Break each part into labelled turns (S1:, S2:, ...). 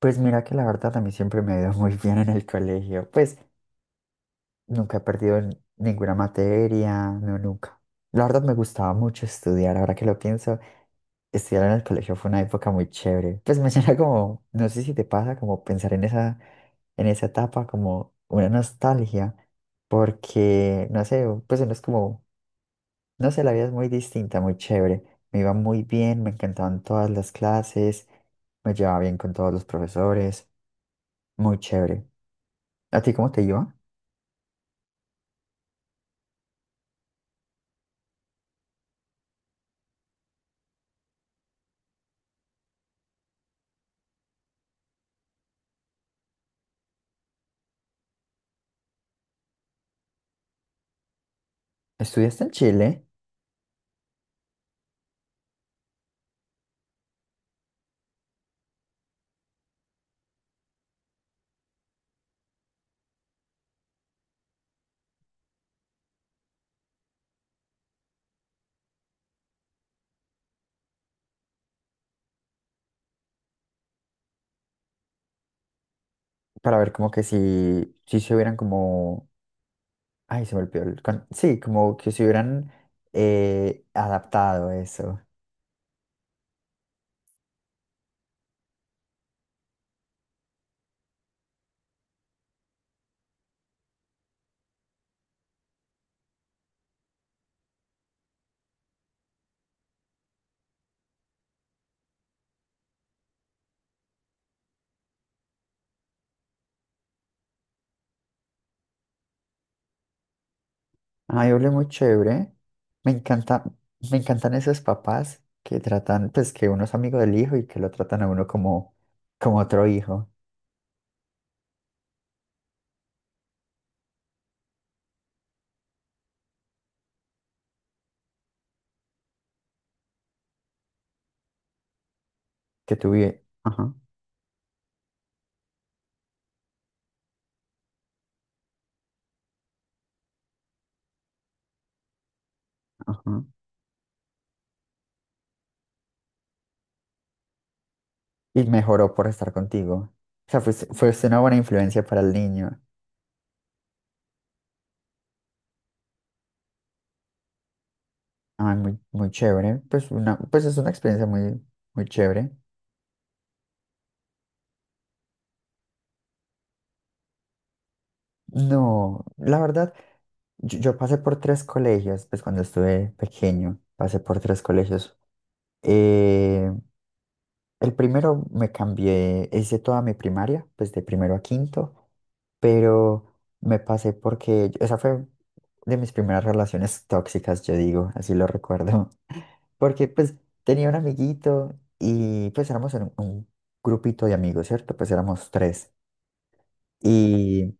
S1: Pues mira que la verdad a mí siempre me ha ido muy bien en el colegio. Pues nunca he perdido en ninguna materia, no, nunca. La verdad me gustaba mucho estudiar, ahora que lo pienso, estudiar en el colegio fue una época muy chévere. Pues me llena como, no sé si te pasa, como pensar en esa etapa, como una nostalgia, porque, no sé, pues uno es como, no sé, la vida es muy distinta, muy chévere. Me iba muy bien, me encantaban todas las clases, me llevaba bien con todos los profesores, muy chévere. ¿A ti cómo te iba? ¿Estudiaste en Chile? Para ver como que si se hubieran como... Ay, se me olvidó. Sí, como que se hubieran adaptado eso. Ay, hablé muy chévere. Me encanta, Me encantan esos papás que tratan, pues que uno es amigo del hijo y que lo tratan a uno como otro hijo que tuve. Ajá, ajá. Y mejoró por estar contigo. O sea, fuiste una buena influencia para el niño. Ay, muy, muy chévere. Pues, pues es una experiencia muy, muy chévere. No, la verdad, yo pasé por tres colegios, pues cuando estuve pequeño, pasé por tres colegios. Eh, el primero me cambié, hice toda mi primaria, pues de primero a quinto, pero me pasé porque esa fue de mis primeras relaciones tóxicas, yo digo, así lo recuerdo. Porque pues tenía un amiguito y pues éramos en un grupito de amigos, ¿cierto? Pues éramos tres. Y,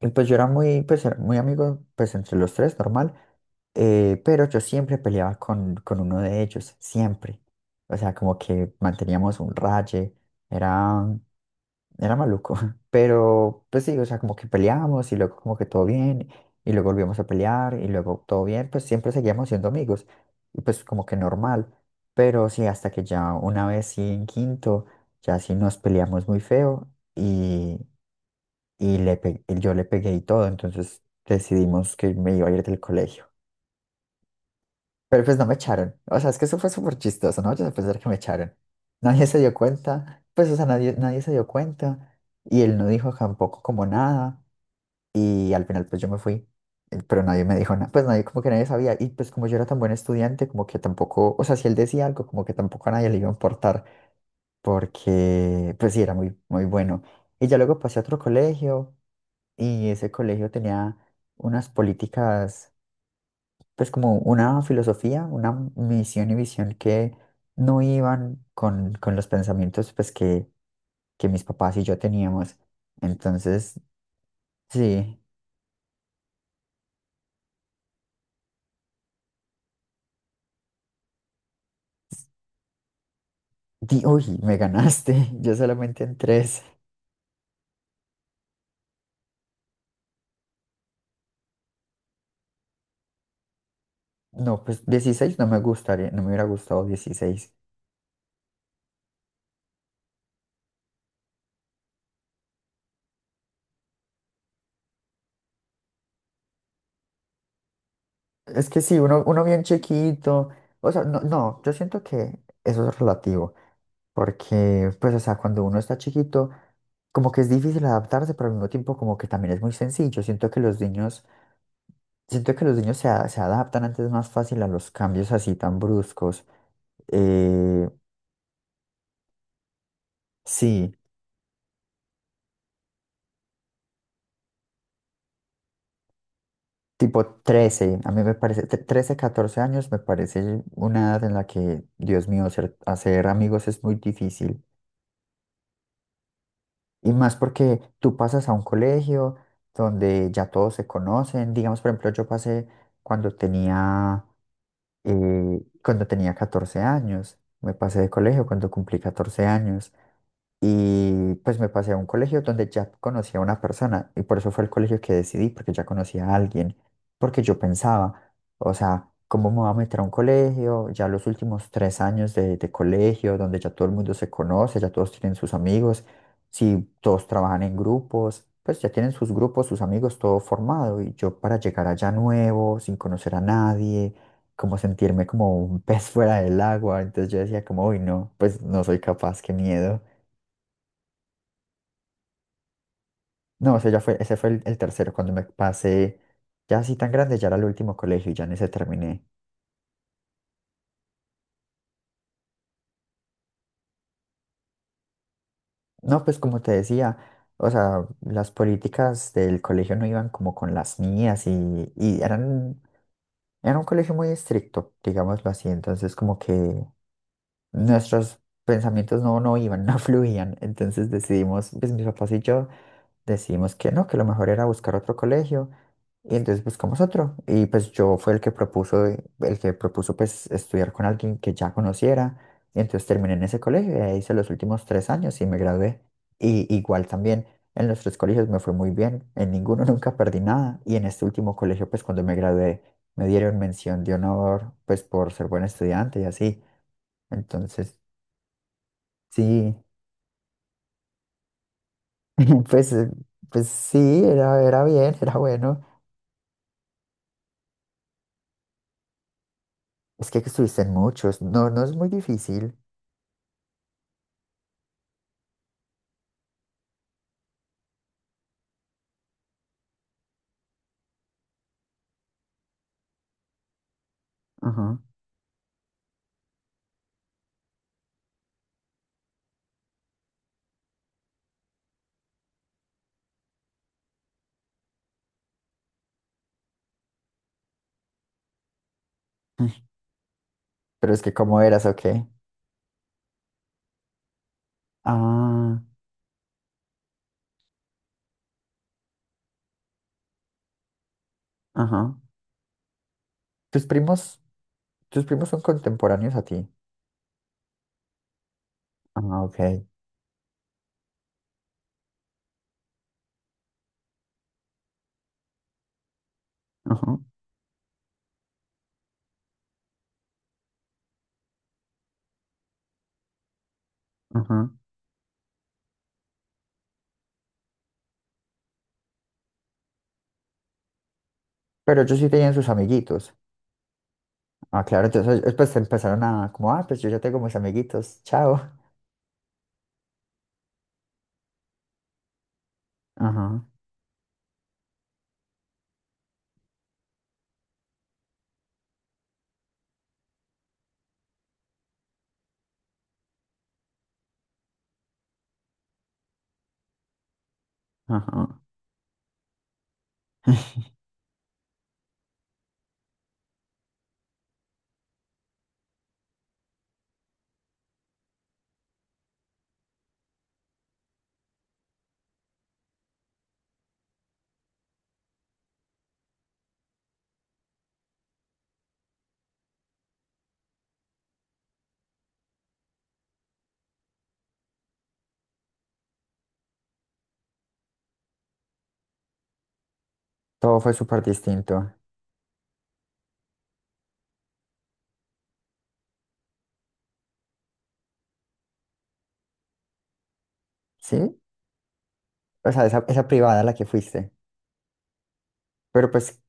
S1: y pues yo era muy, pues era muy amigo, pues entre los tres, normal. Pero yo siempre peleaba con uno de ellos, siempre. O sea, como que manteníamos un raye, era, era maluco. Pero pues sí, o sea, como que peleábamos y luego como que todo bien, y luego volvíamos a pelear y luego todo bien, pues siempre seguíamos siendo amigos. Y pues como que normal. Pero sí, hasta que ya una vez sí en quinto, ya sí nos peleamos muy feo y yo le pegué y todo, entonces decidimos que me iba a ir del colegio. Pero pues no me echaron, o sea, es que eso fue súper chistoso, ¿no? Yo a pensar que me echaron. Nadie se dio cuenta, pues, o sea, nadie se dio cuenta y él no dijo tampoco como nada y al final pues yo me fui, pero nadie me dijo nada, pues nadie como que nadie sabía y pues como yo era tan buen estudiante, como que tampoco, o sea, si él decía algo, como que tampoco a nadie le iba a importar porque pues sí, era muy, muy bueno. Y ya luego pasé a otro colegio. Y ese colegio tenía unas políticas, pues como una filosofía, una misión y visión que no iban con los pensamientos pues que mis papás y yo teníamos. Entonces, sí, uy, me ganaste, yo solamente en tres. No, pues 16 no me gustaría, no me hubiera gustado 16. Es que sí, uno bien chiquito, o sea, no, no, yo siento que eso es relativo, porque pues, o sea, cuando uno está chiquito, como que es difícil adaptarse, pero al mismo tiempo como que también es muy sencillo. Siento que los niños se adaptan antes más fácil a los cambios así tan bruscos. Eh, sí, tipo 13 a mí me parece, 13, 14 años me parece una edad en la que, Dios mío, hacer amigos es muy difícil. Y más porque tú pasas a un colegio donde ya todos se conocen. Digamos, por ejemplo, yo pasé cuando tenía... Y cuando tenía 14 años, me pasé de colegio cuando cumplí 14 años. Y pues me pasé a un colegio donde ya conocía a una persona y por eso fue el colegio que decidí, porque ya conocía a alguien, porque yo pensaba, o sea, ¿cómo me voy a meter a un colegio? Ya los últimos 3 años de colegio, donde ya todo el mundo se conoce, ya todos tienen sus amigos, si todos trabajan en grupos, pues ya tienen sus grupos, sus amigos, todo formado y yo para llegar allá nuevo, sin conocer a nadie. Como sentirme como un pez fuera del agua, entonces yo decía como, uy, no, pues no soy capaz, qué miedo. No, ese fue el tercero, cuando me pasé ya así tan grande, ya era el último colegio, ya en ese terminé. No, pues como te decía, o sea, las políticas del colegio no iban como con las mías y era un colegio muy estricto, digámoslo así, entonces como que nuestros pensamientos no iban, no fluían, entonces decidimos, pues mis papás y yo decidimos que no, que lo mejor era buscar otro colegio. Y entonces buscamos otro. Y pues yo fue el que propuso pues estudiar con alguien que ya conociera. Y entonces terminé en ese colegio, y ahí hice los últimos 3 años y me gradué. Y igual también en los tres colegios me fue muy bien. En ninguno nunca perdí nada. Y en este último colegio, pues cuando me gradué, me dieron mención de honor, pues por ser buen estudiante y así. Entonces, sí, pues, eh, pues sí, era bien, era bueno. Es que estuviste en muchos. No, no es muy difícil. Ajá. Pero es que cómo eras, ¿o qué? Ah, ajá. Tus primos, Tus primos son contemporáneos a ti. Ah, ok. Ajá, ajá. Pero ellos sí tenían sus amiguitos. Ah, claro, entonces después empezaron a, como, pues yo ya tengo mis amiguitos, chao. Ajá, ajá. Todo fue súper distinto. ¿Sí? O sea, esa privada a la que fuiste. Pero pues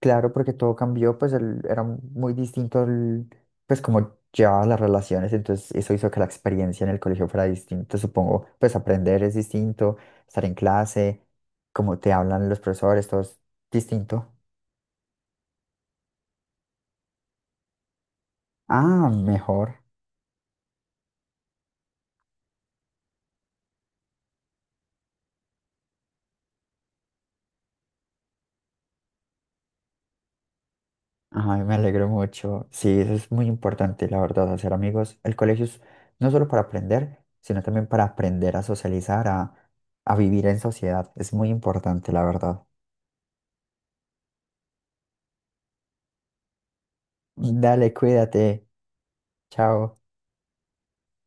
S1: claro, porque todo cambió, pues era muy distinto, pues como llevaba las relaciones, entonces eso hizo que la experiencia en el colegio fuera distinta, supongo, pues aprender es distinto, estar en clase, como te hablan los profesores, todo es distinto. Ah, mejor. Ay, me alegro mucho. Sí, eso es muy importante, la verdad, hacer amigos. El colegio es no solo para aprender, sino también para aprender a socializar, a vivir en sociedad. Es muy importante, la verdad. Dale, cuídate. Chao.